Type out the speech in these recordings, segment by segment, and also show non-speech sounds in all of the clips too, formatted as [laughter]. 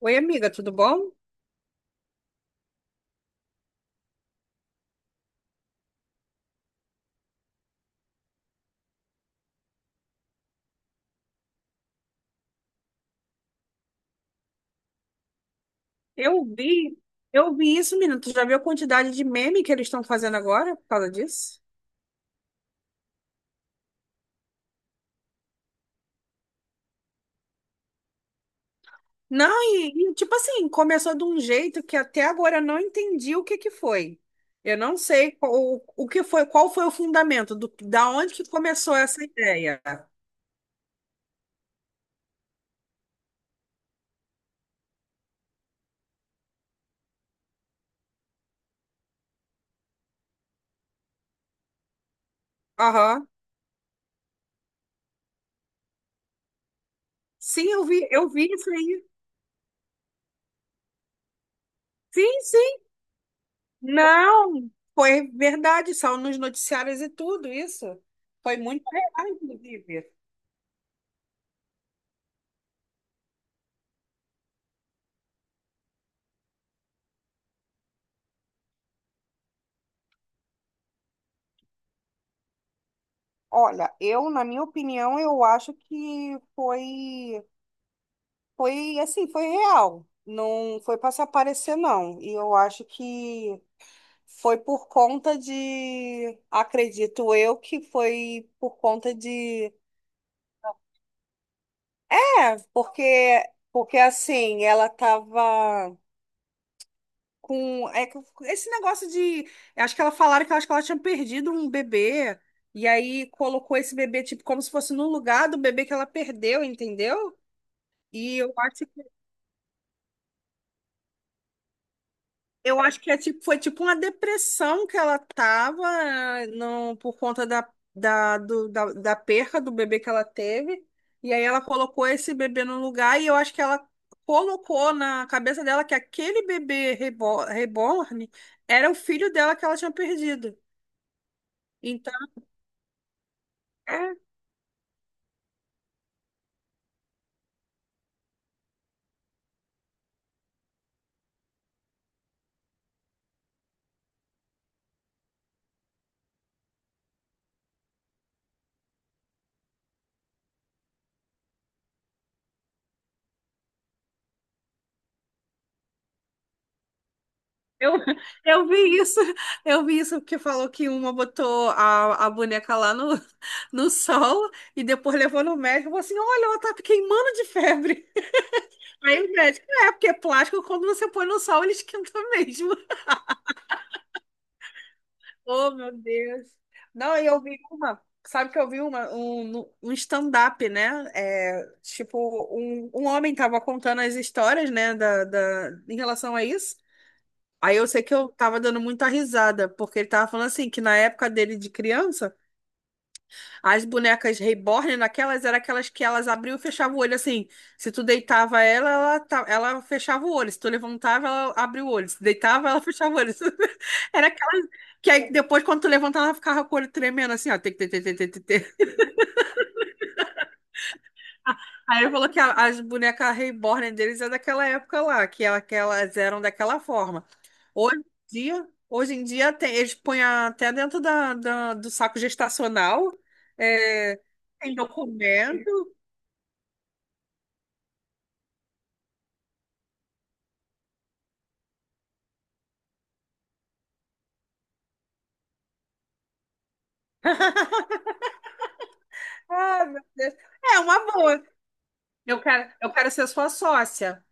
Oi, amiga, tudo bom? Eu vi, eu vi isso, menina. Tu já viu a quantidade de meme que eles estão fazendo agora por causa disso? Não, tipo assim, começou de um jeito que até agora eu não entendi o que que foi. Eu não sei o que foi, qual foi o fundamento, da onde que começou essa ideia. Aham. Sim, eu vi isso aí. Sim, sim. Não, foi verdade, saiu nos noticiários e tudo isso. Foi muito real, inclusive. Olha, eu, na minha opinião, eu acho que foi, foi assim, foi real. Não foi para se aparecer, não. E eu acho que foi por conta de, acredito eu, que foi por conta de, porque, porque assim, ela tava com, com esse negócio de, acho que ela falaram que, eu acho que ela tinha perdido um bebê, e aí colocou esse bebê, tipo, como se fosse no lugar do bebê que ela perdeu, entendeu? E eu acho que, eu acho que é tipo, foi tipo uma depressão que ela tava, não, por conta da perca do bebê que ela teve. E aí ela colocou esse bebê no lugar e eu acho que ela colocou na cabeça dela que aquele reborn era o filho dela que ela tinha perdido. Então, Eu, eu vi isso, eu vi isso porque falou que uma botou a boneca lá no, no sol e depois levou no médico e falou assim: olha, ela tá queimando de febre. Aí o médico, é, porque é plástico, quando você põe no sol, ele esquenta mesmo. Oh, meu Deus. Não, e sabe que eu vi um stand-up, né? É, tipo, um homem tava contando as histórias, né, em relação a isso. Aí eu sei que eu tava dando muita risada, porque ele tava falando assim, que na época dele de criança, as bonecas reborn, naquelas, eram aquelas que elas abriam e fechavam o olho, assim. Se tu deitava ela, ela fechava o olho. Se tu levantava, ela abria o olho. Se deitava, ela [laughs] fechava o olho. [laughs] Era aquelas que aí depois, quando tu levantava, ela ficava com o olho tremendo, assim, ó. Tic, tic, tic, tic, tic, tic. Aí ele falou que as bonecas reborn deles é daquela época lá, que que elas eram daquela forma. Hoje em hoje em dia eles põem até dentro do saco gestacional, é, tem documento. Ah, meu Deus. É uma boa. Eu quero ser sua sócia.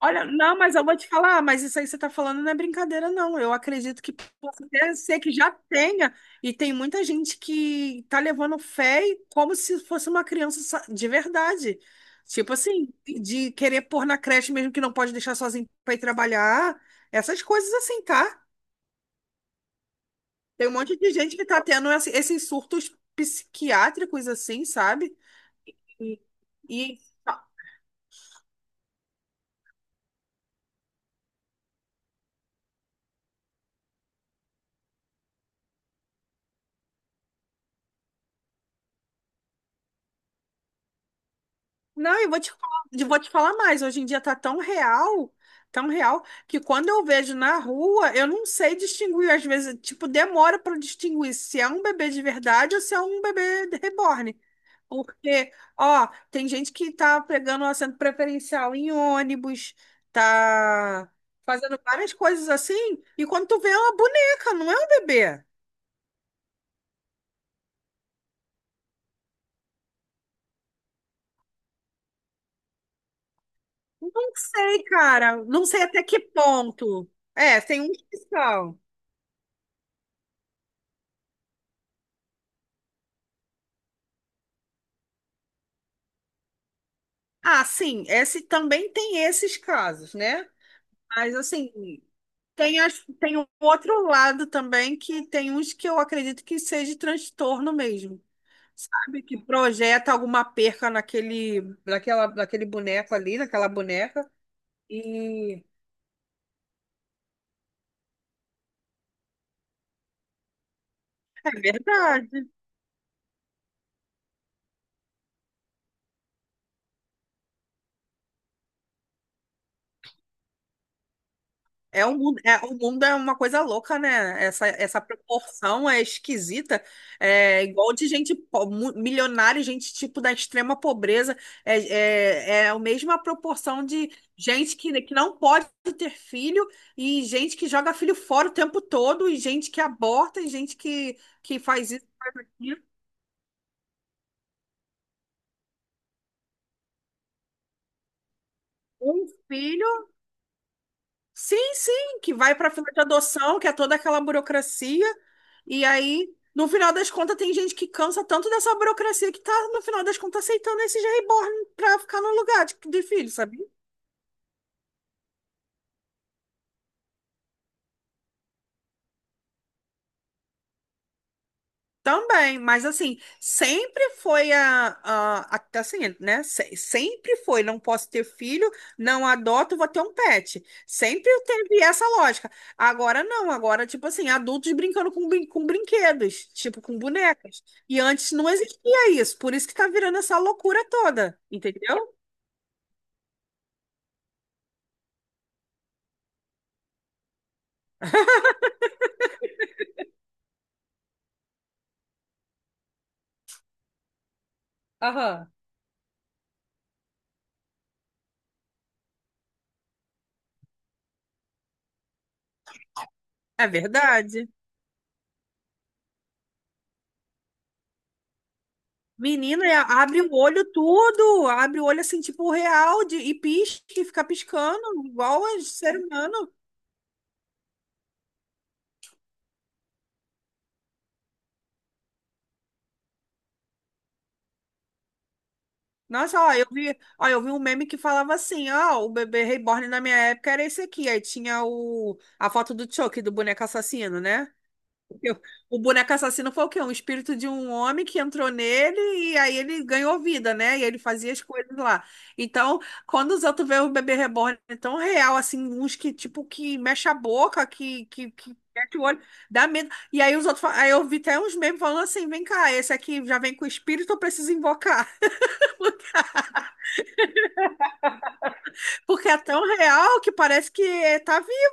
Olha, não, mas eu vou te falar, mas isso aí que você está falando não é brincadeira, não. Eu acredito que possa até ser que já tenha, e tem muita gente que tá levando fé e como se fosse uma de verdade. Tipo assim, de querer pôr na creche mesmo que não pode deixar sozinho para ir trabalhar, essas coisas assim, tá? Tem um monte de gente que tá tendo esses surtos psiquiátricos assim, sabe? E, e Não, eu vou te falar, eu vou te falar mais. Hoje em dia tá tão real, que quando eu vejo na rua, eu não sei distinguir. Às vezes, tipo, demora para distinguir se é um bebê de verdade ou se é um bebê de reborn. Porque, ó, tem gente que tá pegando o assento preferencial em ônibus, tá fazendo várias coisas assim, e quando tu vê é uma boneca, não é um bebê. Não sei, cara. Não sei até que ponto. É, tem um que são. Ah, sim, esse também tem esses casos, né? Mas assim, tem um outro lado também que tem uns que eu acredito que seja transtorno mesmo, sabe? Que projeta alguma perca naquele boneco ali, naquela boneca. E é verdade. É, o mundo é uma coisa louca, né? Essa proporção é esquisita. É igual de gente milionária, gente tipo da extrema pobreza. É a mesma proporção de gente que não pode ter filho e gente que joga filho fora o tempo todo, e gente que aborta, e gente que faz isso, faz aquilo. Um filho. Sim, sim, que vai para fila de adoção, que é toda aquela burocracia. E aí, no final das contas, tem gente que cansa tanto dessa burocracia que tá, no final das contas, aceitando esses reborn para ficar no lugar de filho, sabe? Também, mas assim, sempre foi assim, né? Sempre foi, não posso ter filho, não adoto, vou ter um pet. Sempre teve essa lógica. Agora não, agora, tipo assim, adultos brincando com, com brinquedos, tipo com bonecas. E antes não existia isso, por isso que tá virando essa loucura toda, entendeu? Aham. É verdade. Menina, abre o olho tudo, abre o olho assim, tipo real, de, e pisca, e fica piscando, igual a ser humano. Nossa, ó, eu vi um meme que falava assim, ó, o bebê reborn na minha época era esse aqui. Aí tinha o, a foto do Chucky, do boneco assassino, né? [laughs] Porque o boneco assassino foi o quê? Um espírito de um homem que entrou nele e aí ele ganhou vida, né? E ele fazia as coisas lá. Então, quando os outros veem o bebê reborn tão real, assim, uns que, tipo, que mexe a boca, que mete o olho, dá medo. E aí os outros, aí eu vi até uns memes falando assim, vem cá, esse aqui já vem com espírito, eu preciso invocar. [laughs] Porque é tão real que parece que tá vivo,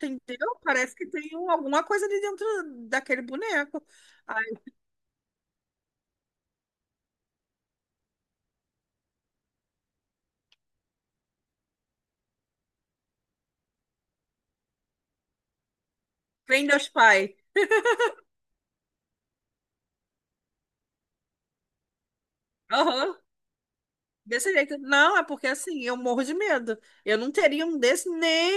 entendeu? Parece que tem alguma coisa ali dentro daquele boneco. Aí, vem Deus Pai. Aham. Desse jeito. Não, é porque assim, eu morro de medo. Eu não teria um desse nem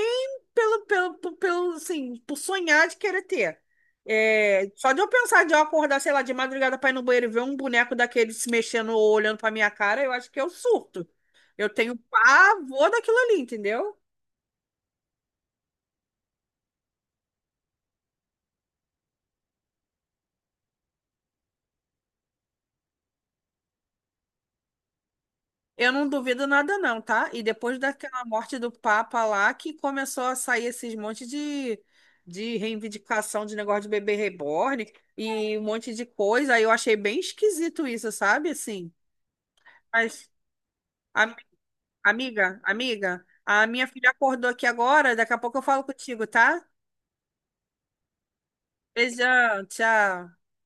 pelo, assim, por sonhar de querer ter. É, só de eu pensar de eu acordar, sei lá, de madrugada pra ir no banheiro e ver um boneco daquele se mexendo ou olhando pra minha cara, eu acho que eu surto. Eu tenho pavor daquilo ali, entendeu? Eu não duvido nada não, tá? E depois daquela morte do Papa lá, que começou a sair esses monte de reivindicação de negócio de bebê reborn e um monte de coisa, aí eu achei bem esquisito isso, sabe? Assim, mas, am- amiga, amiga, a minha filha acordou aqui agora, daqui a pouco eu falo contigo, tá? Beijão, tchau.